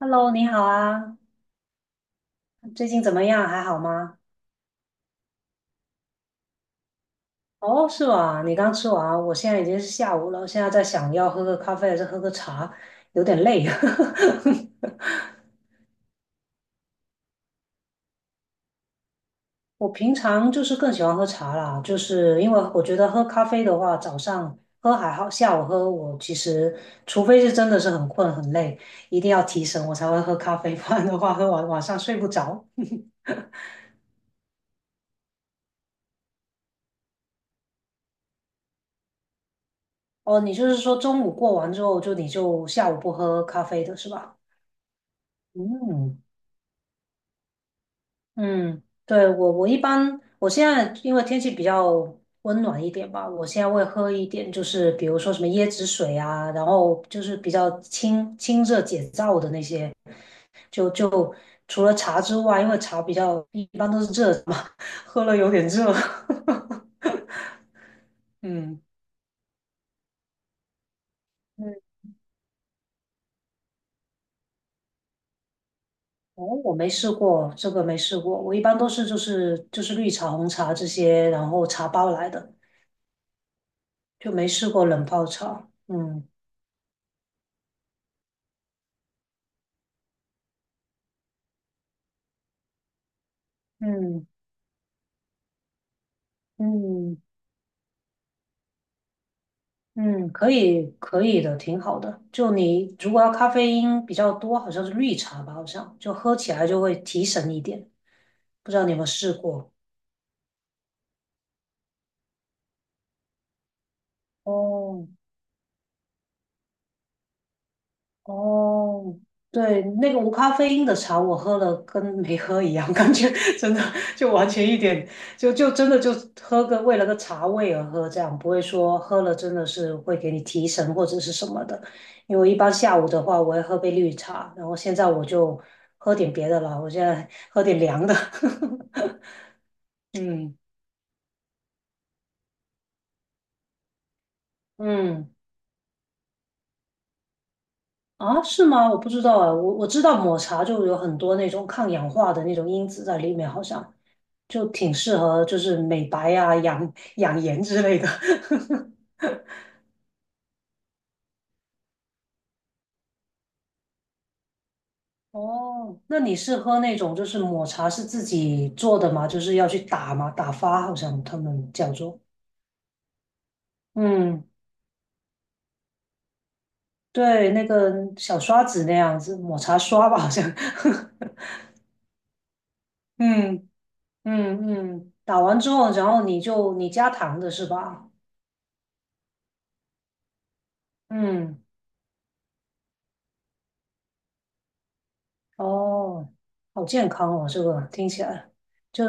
Hello，你好啊，最近怎么样？还好吗？哦，是吧？你刚吃完，我现在已经是下午了，现在在想要喝个咖啡还是喝个茶，有点累。我平常就是更喜欢喝茶啦，就是因为我觉得喝咖啡的话，早上喝还好，下午喝我其实除非是真的是很困很累，一定要提神我才会喝咖啡，不然的话喝完晚上睡不着。哦，你就是说中午过完之后就你就下午不喝咖啡的是吧？嗯。嗯，对，我一般，我现在因为天气比较温暖一点吧，我现在会喝一点，就是比如说什么椰子水啊，然后就是比较清清热解燥的那些，就除了茶之外，因为茶比较一般都是热的嘛，喝了有点热。嗯嗯，哦，我没试过，这个没试过，我一般都是就是绿茶、红茶这些，然后茶包来的，就没试过冷泡茶。嗯嗯，嗯嗯，可以可以的，挺好的。就你如果要咖啡因比较多，好像是绿茶吧，好像就喝起来就会提神一点。不知道你有没有试过？哦，哦，对，那个无咖啡因的茶我喝了跟没喝一样，感觉 真的就完全一点，就真的就喝个为了个茶味而喝，这样不会说喝了真的是会给你提神或者是什么的。因为我一般下午的话，我会喝杯绿茶，然后现在我就喝点别的了，我现在喝点凉的。嗯嗯，啊，是吗？我不知道啊，我知道抹茶就有很多那种抗氧化的那种因子在里面，好像就挺适合就是美白啊、养养颜之类的。哦，那你是喝那种就是抹茶是自己做的吗？就是要去打吗？打发好像他们叫做，嗯，对，那个小刷子那样子，抹茶刷吧，好像。嗯嗯嗯，打完之后，然后你加糖的是吧？嗯。哦，好健康哦，这个听起来就，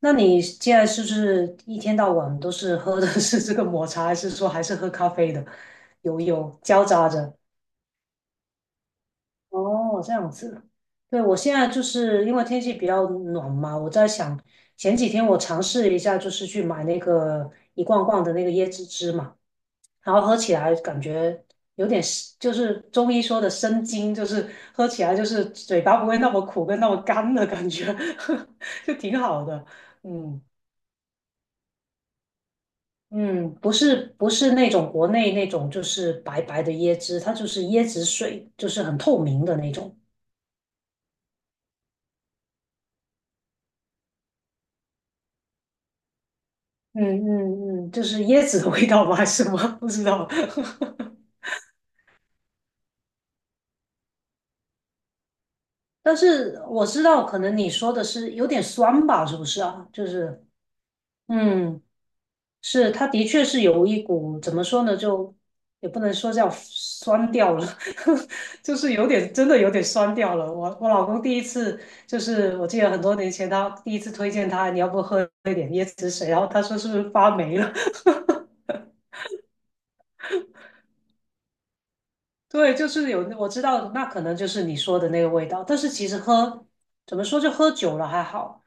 那你现在是不是一天到晚都是喝的是这个抹茶，还是说还是喝咖啡的？有有交杂着。哦，这样子。对，我现在就是因为天气比较暖嘛，我在想前几天我尝试了一下，就是去买那个一罐罐的那个椰子汁嘛，然后喝起来感觉有点是，就是中医说的生津，就是喝起来就是嘴巴不会那么苦跟那么干的感觉，就挺好的。嗯嗯，不是不是那种国内那种就是白白的椰汁，它就是椰子水，就是很透明的那种。嗯嗯嗯，就是椰子的味道吗？还是什么？不知道。但是我知道，可能你说的是有点酸吧？是不是啊？就是，嗯。是，它的确是有一股怎么说呢，就也不能说叫酸掉了，就是有点真的有点酸掉了。我我老公第一次就是我记得很多年前他第一次推荐他，你要不喝一点椰子水，然后他说是不是发霉了？对，就是有我知道那可能就是你说的那个味道，但是其实喝怎么说就喝酒了还好，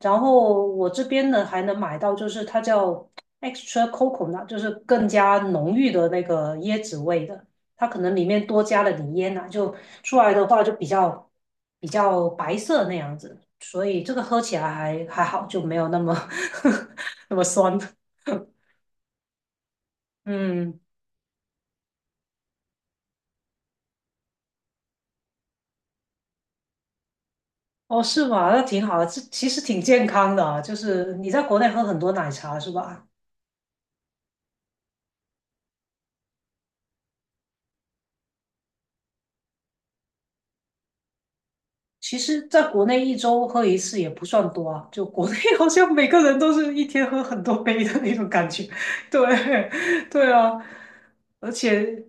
然后我这边呢还能买到，就是它叫 extra coconut，就是更加浓郁的那个椰子味的。它可能里面多加了点椰奶，就出来的话就比较白色那样子，所以这个喝起来还还好，就没有那么 那么酸。嗯，哦，是吗？那挺好的，这其实挺健康的啊，就是你在国内喝很多奶茶是吧？其实，在国内一周喝一次也不算多啊，就国内好像每个人都是一天喝很多杯的那种感觉。对，对啊，而且，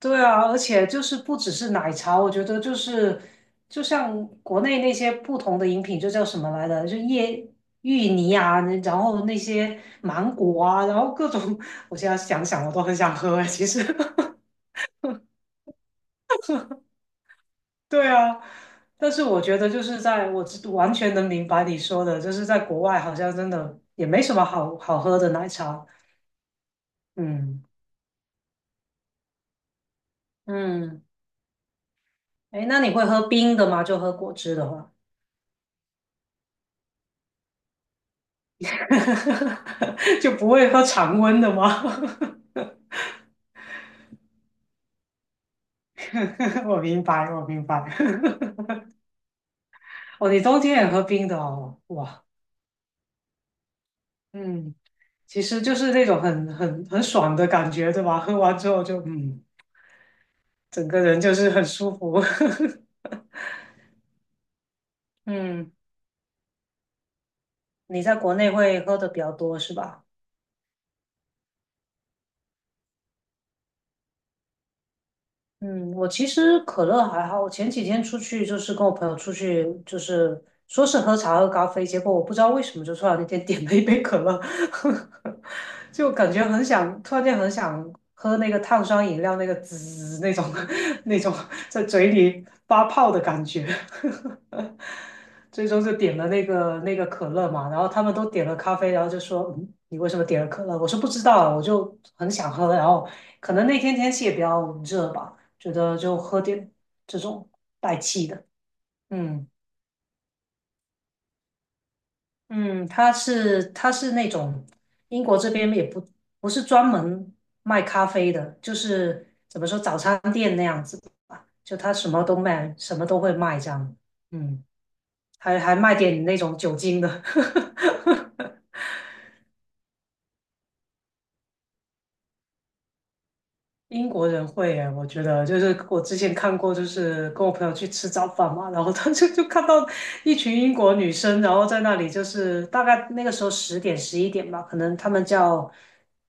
对啊，而且就是不只是奶茶，我觉得就是就像国内那些不同的饮品，就叫什么来的，就椰芋泥啊，然后那些芒果啊，然后各种，我现在想想我都很想喝哎，其实。对啊，但是我觉得就是在我知完全能明白你说的，就是在国外好像真的也没什么好好喝的奶茶。嗯嗯，哎，那你会喝冰的吗？就喝果汁的话，就不会喝常温的吗？我明白，我明白。哦，你冬天也喝冰的哦，哇，嗯，其实就是那种很爽的感觉，对吧？喝完之后就嗯，整个人就是很舒服。嗯。你在国内会喝的比较多是吧？嗯，我其实可乐还好，我前几天出去就是跟我朋友出去，就是说是喝茶喝咖啡，结果我不知道为什么就突然间点了一杯可乐，就感觉很想，突然间很想喝那个碳酸饮料那个滋那种 那种在嘴里发泡的感觉。最终就点了那个可乐嘛，然后他们都点了咖啡，然后就说，嗯，你为什么点了可乐？我说不知道，我就很想喝，然后可能那天天气也比较热吧，觉得就喝点这种带气的，嗯嗯，它是那种英国这边也不是专门卖咖啡的，就是怎么说早餐店那样子吧，就它什么都卖，什么都会卖这样，嗯，还还卖点那种酒精的。英国人会耶，我觉得就是我之前看过，就是跟我朋友去吃早饭嘛，然后他就 就看到一群英国女生，然后在那里就是大概那个时候10点11点吧，可能他们叫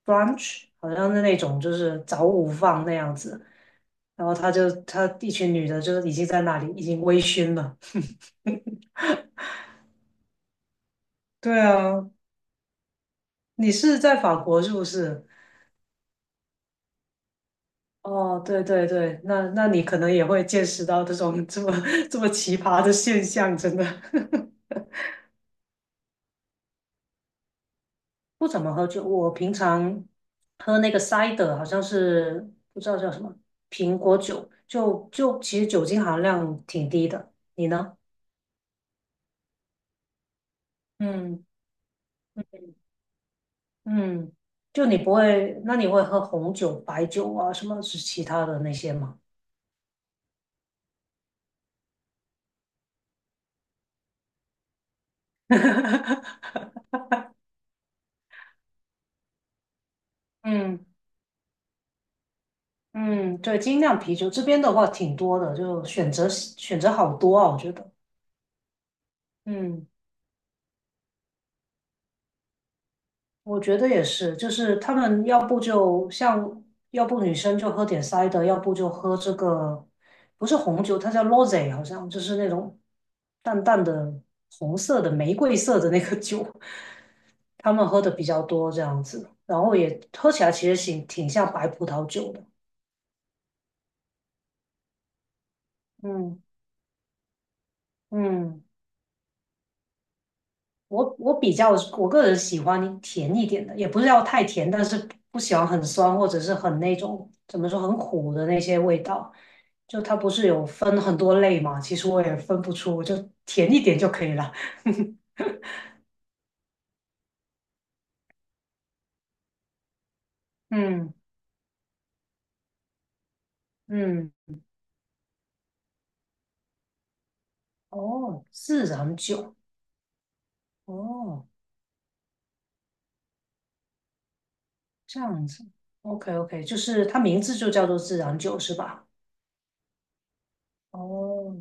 brunch，好像是那种就是早午饭那样子，然后他就他一群女的，就是已经在那里已经微醺了。对啊，你是在法国是不是？哦，对对对，那那你可能也会见识到这种这么 这么奇葩的现象，真的。不怎么喝酒，我平常喝那个 cider 好像是不知道叫什么苹果酒，就就其实酒精含量挺低的。你呢？嗯嗯，就你不会，那你会喝红酒、白酒啊，什么是其他的那些吗？嗯嗯，对，精酿啤酒这边的话挺多的，就选择选择好多啊，我觉得。嗯。我觉得也是，就是他们要不就像，要不女生就喝点 CI 要不就喝这个，不是红酒，它叫 rosé 好像就是那种淡淡的红色的玫瑰色的那个酒，他们喝的比较多这样子，然后也喝起来其实挺挺像白葡萄酒的，嗯嗯。我我比较我个人喜欢甜一点的，也不是要太甜，但是不喜欢很酸或者是很那种怎么说很苦的那些味道。就它不是有分很多类嘛，其实我也分不出，我就甜一点就可以了。嗯嗯，哦，自然酒，哦，这样子，OK OK，就是它名字就叫做自然酒是吧？哦，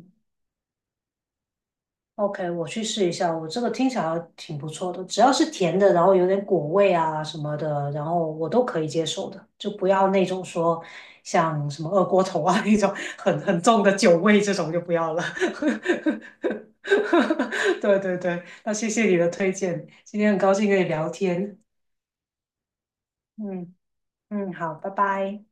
OK，我去试一下，我这个听起来还挺不错的，只要是甜的，然后有点果味啊什么的，然后我都可以接受的，就不要那种说像什么二锅头啊 那种很重的酒味这种就不要了。对对对，那谢谢你的推荐，今天很高兴跟你聊天。嗯嗯，好，拜拜。